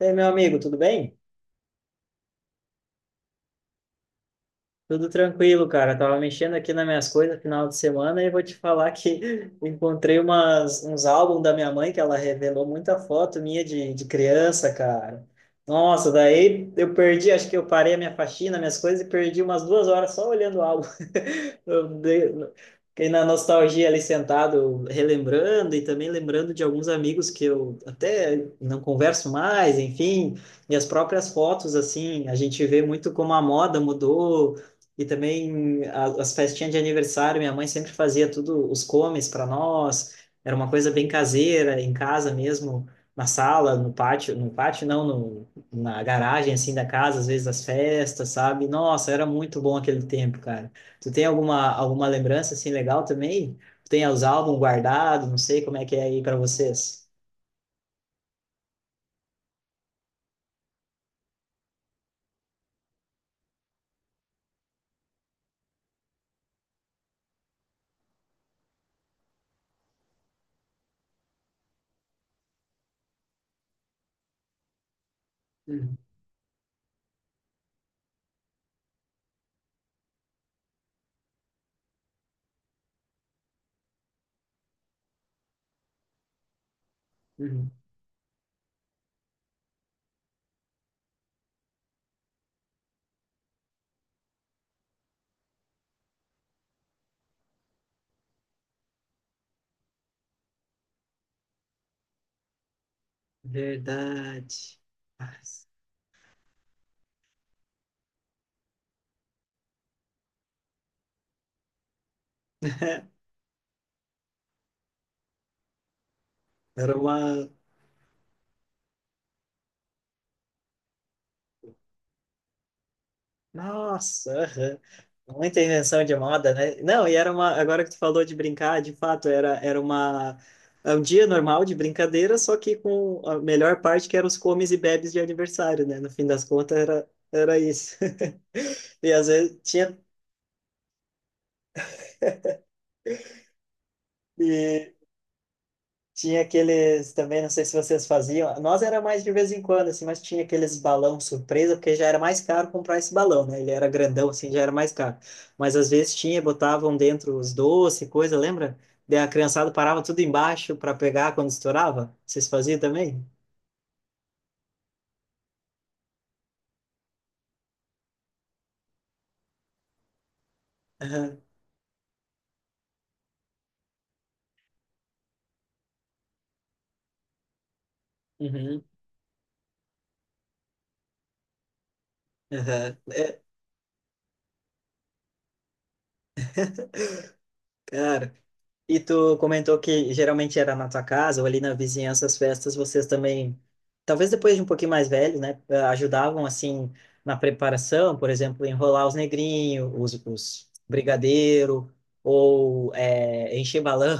E aí, meu amigo, tudo bem? Tudo tranquilo, cara. Tava mexendo aqui nas minhas coisas final de semana e vou te falar que encontrei uns álbuns da minha mãe que ela revelou muita foto minha de criança, cara. Nossa, daí eu perdi, acho que eu parei a minha faxina, minhas coisas e perdi umas duas horas só olhando o álbum. Eu dei- Fiquei na nostalgia ali sentado, relembrando e também lembrando de alguns amigos que eu até não converso mais, enfim, e as próprias fotos, assim, a gente vê muito como a moda mudou e também as festinhas de aniversário, minha mãe sempre fazia tudo, os comes para nós. Era uma coisa bem caseira, em casa mesmo, na sala, no pátio, no pátio não, no, na garagem assim da casa, às vezes as festas, sabe? Nossa, era muito bom aquele tempo, cara. Tu tem alguma lembrança assim legal também? Tem os álbuns guardados, não sei como é que é aí para vocês. Uhum, uhum. Verdade. Ah, era uma. Nossa, aham. Muita invenção de moda, né? Não, e era uma. Agora que tu falou de brincar, de fato, era, era uma. É um dia normal de brincadeira, só que com a melhor parte que eram os comes e bebes de aniversário, né? No fim das contas, era, era isso. E às vezes tinha. Tinha aqueles também, não sei se vocês faziam. Nós era mais de vez em quando, assim, mas tinha aqueles balão surpresa, porque já era mais caro comprar esse balão, né? Ele era grandão, assim, já era mais caro. Mas às vezes tinha, botavam dentro os doces, coisa, lembra? Daí a criançada parava tudo embaixo para pegar quando estourava. Vocês faziam também? Aham. Uhum. Aham. É, cara. E tu comentou que geralmente era na tua casa ou ali na vizinhança as festas, vocês também, talvez depois de um pouquinho mais velhos, né, ajudavam assim na preparação, por exemplo, enrolar os negrinhos, os brigadeiro ou encher balão.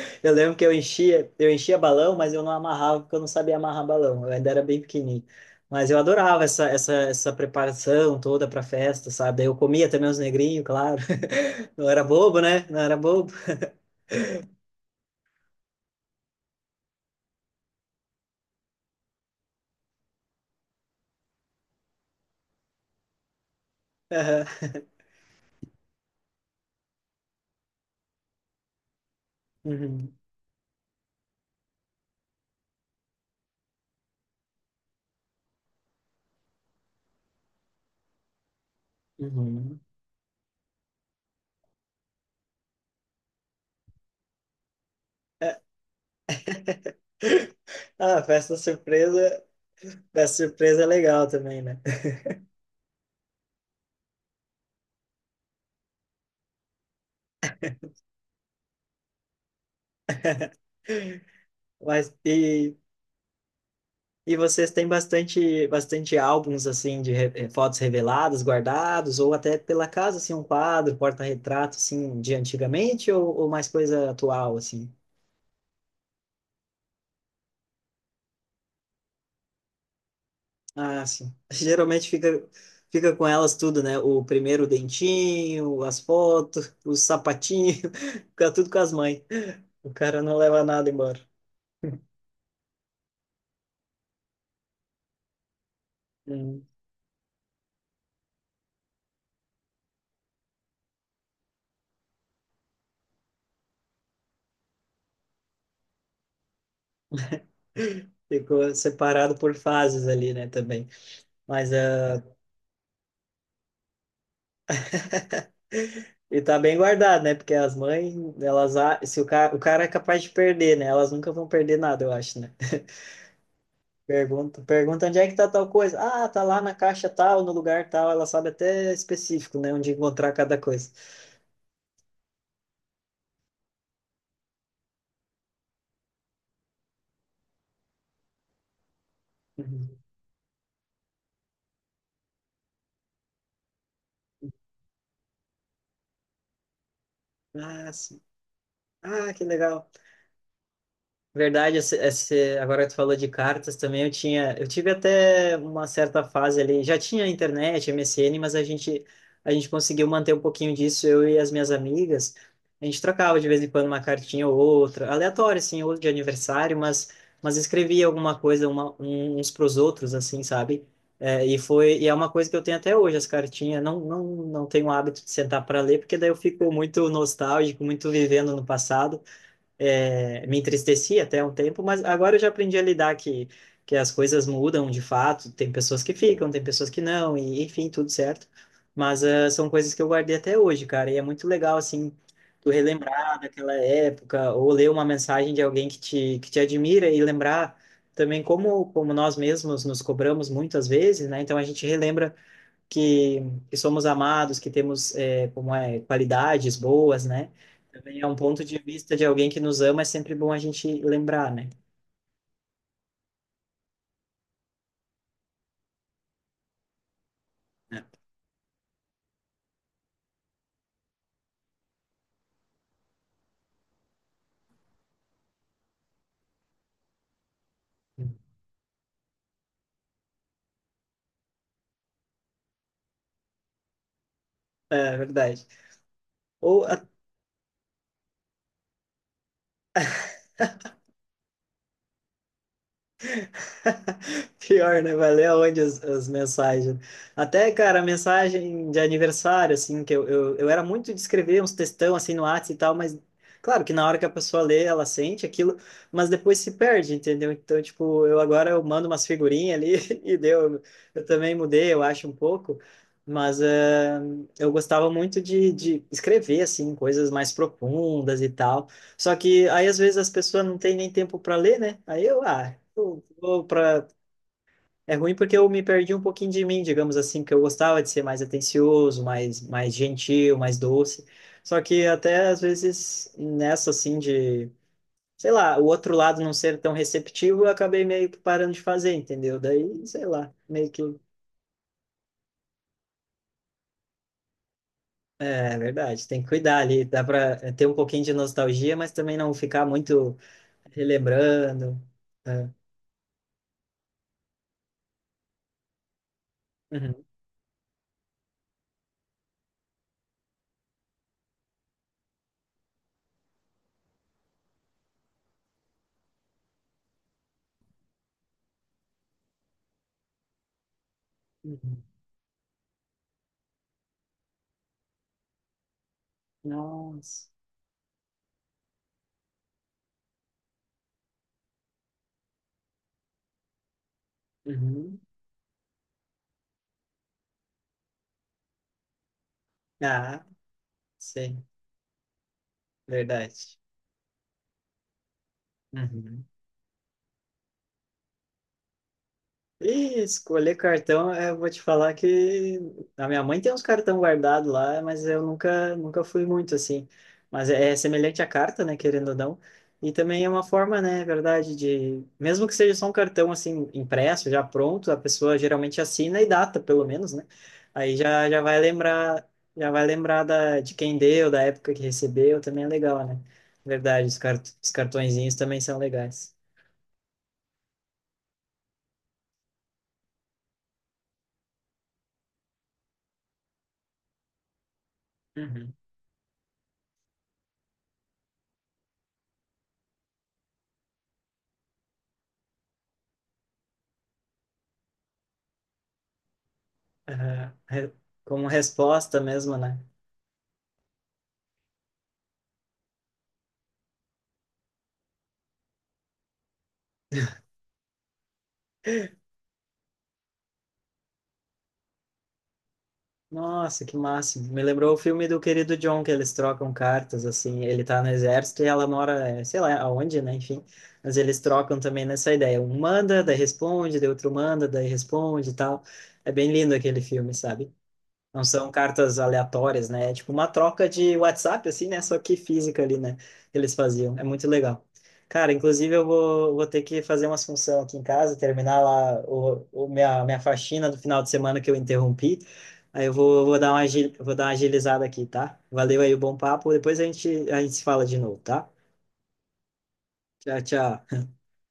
Eu lembro que eu enchia balão, mas eu não amarrava porque eu não sabia amarrar balão. Eu ainda era bem pequenininho. Mas eu adorava essa preparação toda para festa, sabe? Daí eu comia também os negrinhos, claro. Não era bobo, né? Não era bobo. Uhum, uhum. É. Ah, festa surpresa é legal também, né? Mas e vocês têm bastante álbuns assim de fotos reveladas, guardados, ou até pela casa assim um quadro, porta-retrato assim de antigamente ou mais coisa atual assim? Ah, sim. Geralmente fica, fica com elas tudo, né? O primeiro dentinho, as fotos, o sapatinho, fica tudo com as mães. O cara não leva nada embora. Ficou separado por fases ali, né, também. Mas e tá bem guardado, né? Porque as mães, elas se o cara, o cara é capaz de perder, né? Elas nunca vão perder nada, eu acho, né? Pergunta, pergunta onde é que tá tal coisa. Ah, tá lá na caixa tal, no lugar tal. Ela sabe até específico, né, onde encontrar cada coisa. Uhum. Ah, sim. Ah, que legal. Verdade, agora que tu falou de cartas também, eu tinha, eu tive até uma certa fase ali, já tinha internet, MSN, mas a gente conseguiu manter um pouquinho disso, eu e as minhas amigas, a gente trocava de vez em quando uma cartinha ou outra, aleatória, assim, ou de aniversário, mas escrevia alguma coisa uns pros outros, assim, sabe? É, e foi, e é uma coisa que eu tenho até hoje, as cartinhas, não tenho o hábito de sentar para ler, porque daí eu fico muito nostálgico, muito vivendo no passado, é, me entristecia até um tempo, mas agora eu já aprendi a lidar que as coisas mudam de fato, tem pessoas que ficam, tem pessoas que não, e enfim, tudo certo. Mas ah, são coisas que eu guardei até hoje, cara, e é muito legal, assim, tu relembrar daquela época, ou ler uma mensagem de alguém que te admira e lembrar também como, como nós mesmos nos cobramos muitas vezes, né? Então a gente relembra que, que somos amados, que temos é, como é, qualidades boas, né? Também é um ponto de vista de alguém que nos ama, é sempre bom a gente lembrar, né? É é verdade. Ou pior, né? Vai ler aonde as, as mensagens. Até, cara, a mensagem de aniversário, assim, eu era muito de escrever uns textão, assim, no WhatsApp e tal, mas claro que na hora que a pessoa lê, ela sente aquilo, mas depois se perde, entendeu? Então, tipo, eu mando umas figurinhas ali e deu. Eu também mudei, eu acho, um pouco, mas eu gostava muito de escrever, assim, coisas mais profundas e tal. Só que aí às vezes as pessoas não têm nem tempo para ler, né? Aí eu, ah, eu vou para é ruim porque eu me perdi um pouquinho de mim, digamos assim, porque eu gostava de ser mais atencioso, mais gentil, mais doce. Só que até às vezes nessa assim de, sei lá, o outro lado não ser tão receptivo, eu acabei meio que parando de fazer, entendeu? Daí, sei lá, meio que. É é verdade, tem que cuidar ali. Dá para ter um pouquinho de nostalgia, mas também não ficar muito relembrando. É. Uhum. Uhum. Nossa. Uhum. Ah, sim. Verdade. Uhum. E escolher cartão, é, eu vou te falar que a minha mãe tem uns cartão guardado lá, mas eu nunca, nunca fui muito assim. Mas é, é semelhante à carta, né, querendo ou não. E também é uma forma, né, é verdade, de mesmo que seja só um cartão assim impresso, já pronto, a pessoa geralmente assina e data, pelo menos, né? Aí já, já vai lembrar da, de quem deu, da época que recebeu, também é legal, né? Verdade, os, cart, os cartõezinhos também são legais. Aham. Re- como resposta mesmo, né? Nossa, que máximo. Me lembrou o filme do querido John, que eles trocam cartas, assim. Ele tá no exército e ela mora, sei lá, aonde, né? Enfim. Mas eles trocam também nessa ideia. Um manda, daí responde, daí outro manda, daí responde e tal. É bem lindo aquele filme, sabe? Não são cartas aleatórias, né? É tipo uma troca de WhatsApp, assim, né? Só que física ali, né? Que eles faziam. É muito legal. Cara, inclusive vou ter que fazer umas funções aqui em casa, terminar lá o minha, minha faxina do final de semana que eu interrompi. Aí vou dar uma, vou dar uma agilizada aqui, tá? Valeu aí o bom papo. Depois a gente se fala de novo, tá? Tchau, tchau.